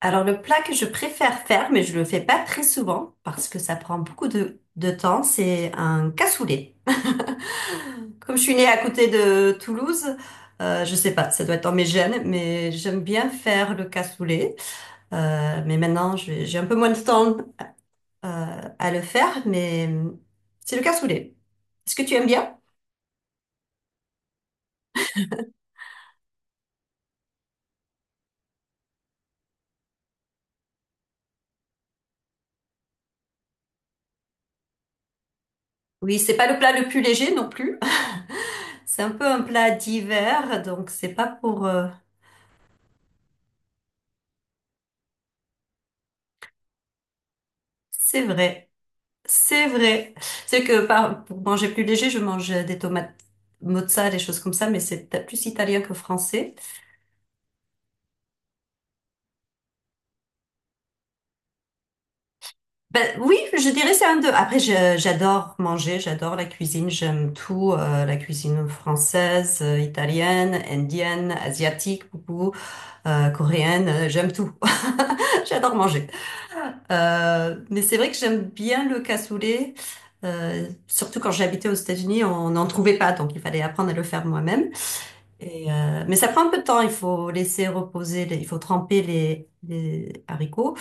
Alors le plat que je préfère faire, mais je le fais pas très souvent parce que ça prend beaucoup de temps, c'est un cassoulet. Comme je suis née à côté de Toulouse, je sais pas, ça doit être dans mes gènes, mais j'aime bien faire le cassoulet. Mais maintenant, j'ai un peu moins de temps à le faire, mais c'est le cassoulet. Est-ce que tu aimes bien? Oui, c'est pas le plat le plus léger non plus. C'est un peu un plat d'hiver, donc c'est pas pour. C'est vrai. C'est vrai. C'est que pour manger plus léger, je mange des tomates mozza, des choses comme ça, mais c'est peut-être plus italien que français. Ben oui, je dirais c'est un deux. Après, j'adore manger, j'adore la cuisine, j'aime tout, la cuisine française, italienne, indienne, asiatique, beaucoup, coréenne, j'aime tout. J'adore manger. Mais c'est vrai que j'aime bien le cassoulet. Surtout quand j'habitais aux États-Unis, on n'en trouvait pas, donc il fallait apprendre à le faire moi-même. Et, mais ça prend un peu de temps, il faut laisser reposer, il faut tremper les haricots.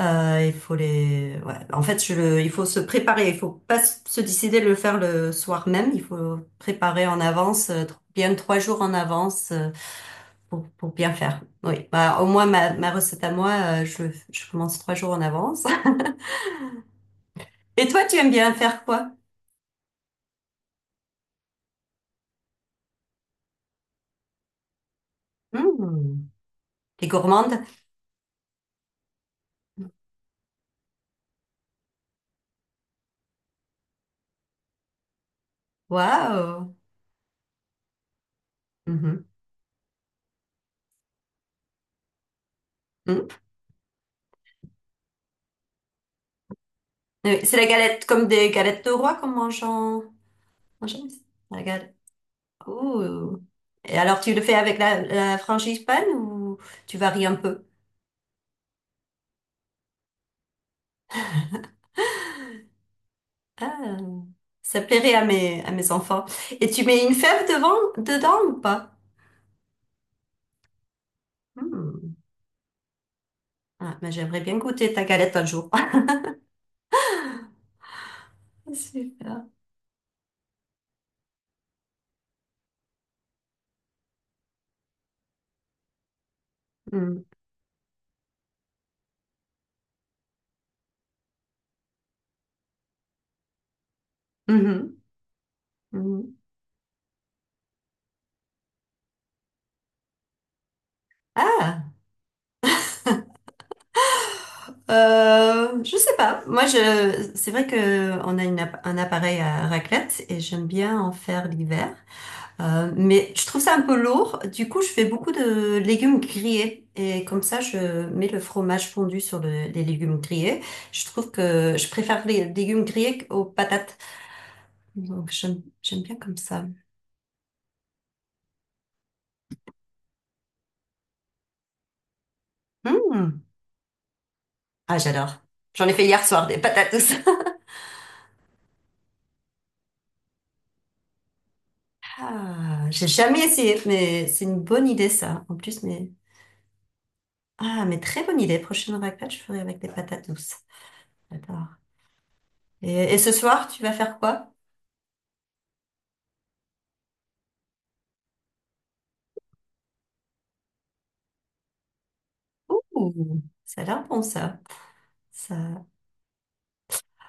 Il faut les, ouais. En fait, il faut se préparer, il faut pas se décider de le faire le soir même, il faut préparer en avance, bien trois jours en avance pour bien faire. Oui, bah, au moins ma recette à moi, je commence trois jours en avance. Et toi, tu aimes bien faire quoi? Mmh. T'es gourmande? Waouh! Mhm. Mhm. C'est la galette comme des galettes de roi qu'on mange en... Franchement, regarde. Ouh. Et alors, tu le fais avec la, la frangipane ou tu varies un peu? Ah, ça plairait à mes enfants. Et tu mets une fève devant, dedans ou pas? Hmm. Ah, mais j'aimerais bien goûter ta galette un jour. Super. Hmm. Mhm. Mhm. Ah, je sais pas. Moi, c'est vrai que on a une un appareil à raclette et j'aime bien en faire l'hiver. Mais je trouve ça un peu lourd. Du coup, je fais beaucoup de légumes grillés. Et comme ça, je mets le fromage fondu sur les légumes grillés. Je trouve que je préfère les légumes grillés aux patates. Donc, j'aime bien comme ça. Hmm. Ah, j'adore. J'en ai fait hier soir des patates douces. Ah, j'ai jamais essayé, mais c'est une bonne idée, ça. En plus, mais. Ah, mais très bonne idée. Prochaine raclette, je ferai avec des patates douces. J'adore. Et ce soir, tu vas faire quoi? Ouh, ça a l'air bon, ça. Ça.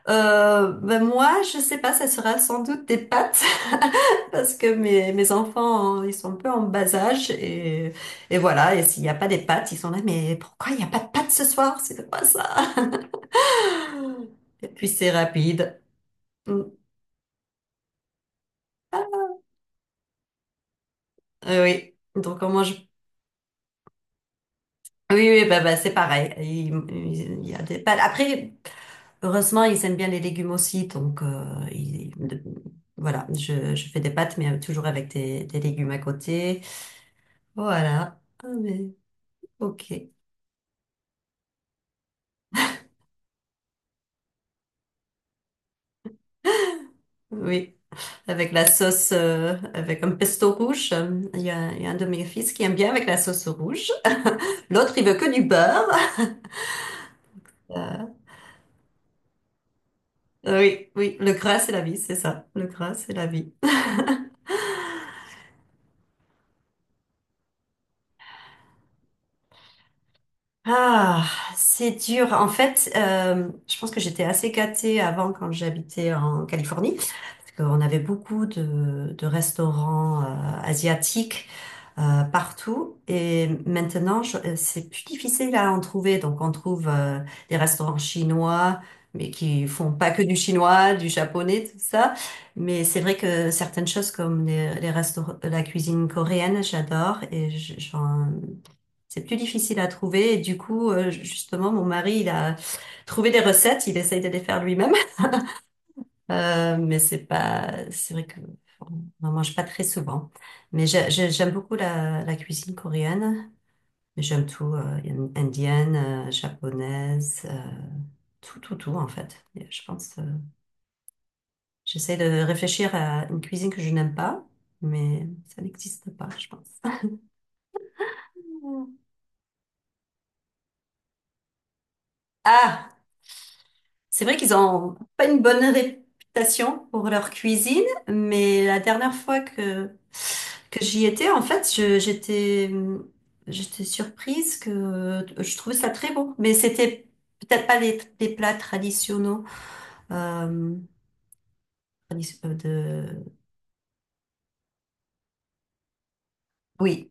Ben moi, je sais pas, ça sera sans doute des pâtes. parce que mes enfants, ils sont un peu en bas âge et voilà. Et s'il n'y a pas des pâtes, ils sont là, mais pourquoi il n'y a pas de pâtes ce soir? C'est quoi ça? Et puis c'est rapide. Mm. Oui, donc on mange. Oui, oui, bah, bah, c'est pareil. Il y a des pâtes. Après, heureusement, ils aiment bien les légumes aussi, donc ils- de- voilà, je fais des pâtes, mais toujours avec des légumes à côté. Voilà. Ah, mais ok. Oui. Avec la sauce, avec un pesto rouge. Il y a un de mes fils qui aime bien avec la sauce rouge. L'autre, il veut que du beurre. Euh, oui, oui. Le gras, c'est la vie, c'est ça. Le gras, c'est la vie. Ah, c'est dur. En fait, je pense que j'étais assez gâtée avant quand j'habitais en Californie, parce qu'on avait beaucoup de restaurants asiatiques partout. Et maintenant, c'est plus difficile à en trouver. Donc, on trouve des restaurants chinois, mais qui font pas que du chinois, du japonais, tout ça. Mais c'est vrai que certaines choses comme les restaurants, la cuisine coréenne, j'adore. C'est plus difficile à trouver et du coup, justement, mon mari, il a trouvé des recettes, il essaye de les faire lui-même. Mais c'est pas, c'est vrai que bon, on n'en mange pas très souvent. Mais j'aime beaucoup la cuisine coréenne. Mais j'aime tout, indienne, japonaise, tout, tout, tout en fait. Et je pense, j'essaie de réfléchir à une cuisine que je n'aime pas, mais ça n'existe pas, je pense. Ah, c'est vrai qu'ils ont pas une bonne réputation pour leur cuisine, mais la dernière fois que j'y étais, en fait, j'étais surprise que je trouvais ça très bon, mais c'était peut-être pas les plats traditionnels. Euh, tradition- euh, de... Oui,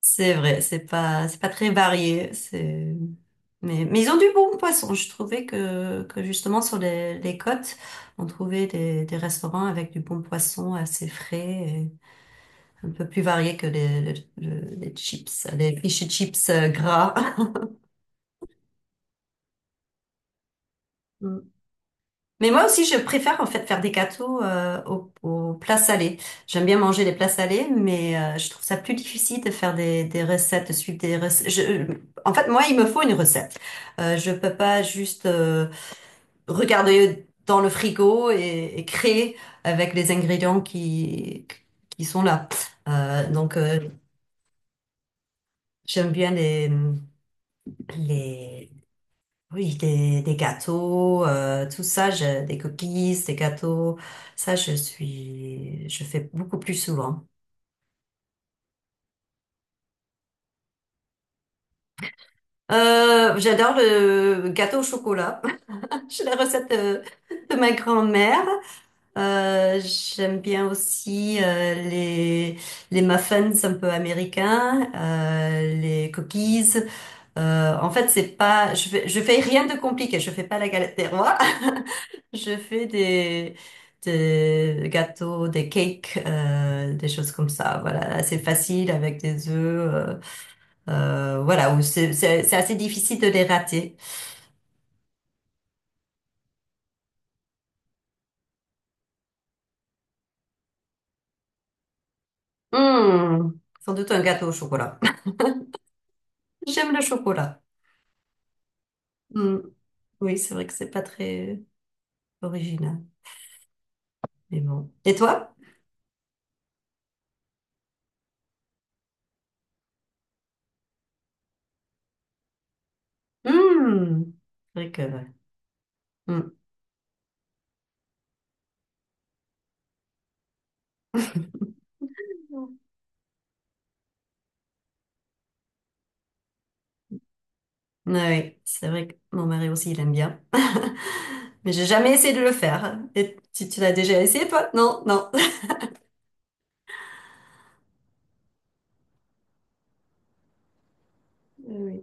c'est vrai, c'est pas très varié. C'est. Mais ils ont du bon poisson. Je trouvais que justement sur les côtes, on trouvait des restaurants avec du bon poisson assez frais et un peu plus varié que les fish and chips gras. Mais moi aussi, je préfère en fait faire des gâteaux aux plats salés. J'aime bien manger les plats salés, mais je trouve ça plus difficile de faire des recettes, de suivre des recettes. En fait, moi, il me faut une recette. Je peux pas juste regarder dans le frigo et créer avec les ingrédients qui sont là. Donc, j'aime bien les Oui, des gâteaux, tout ça, des cookies, des gâteaux, ça je fais beaucoup plus souvent. J'adore le gâteau au chocolat. J'ai la recette de ma grand-mère. J'aime bien aussi les muffins un peu américains, les cookies. En fait, c'est pas, je fais rien de compliqué. Je fais pas la galette des rois. Je fais des gâteaux, des cakes, des choses comme ça. Voilà, assez facile avec des œufs. Voilà, où c'est assez difficile de les rater. Hmm, sans doute un gâteau au chocolat. J'aime le chocolat. Hmm, oui, c'est vrai que c'est pas très original, mais bon. Et toi? Hmm, c'est vrai que. Ouais. Hmm. Oui, c'est vrai que mon mari aussi, il aime bien. Mais j'ai jamais essayé de le faire. Et si tu l'as déjà essayé, toi? Non, non. Oui.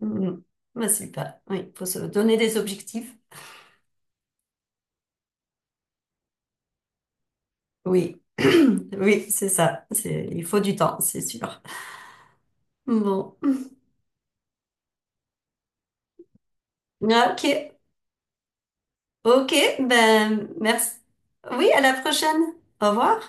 Mhm. Bah, super. Oui, il faut se donner des objectifs. Oui. Oui, c'est ça. Il faut du temps, c'est sûr. Bon. Ok. Ok, ben, merci. Oui, à la prochaine. Au revoir.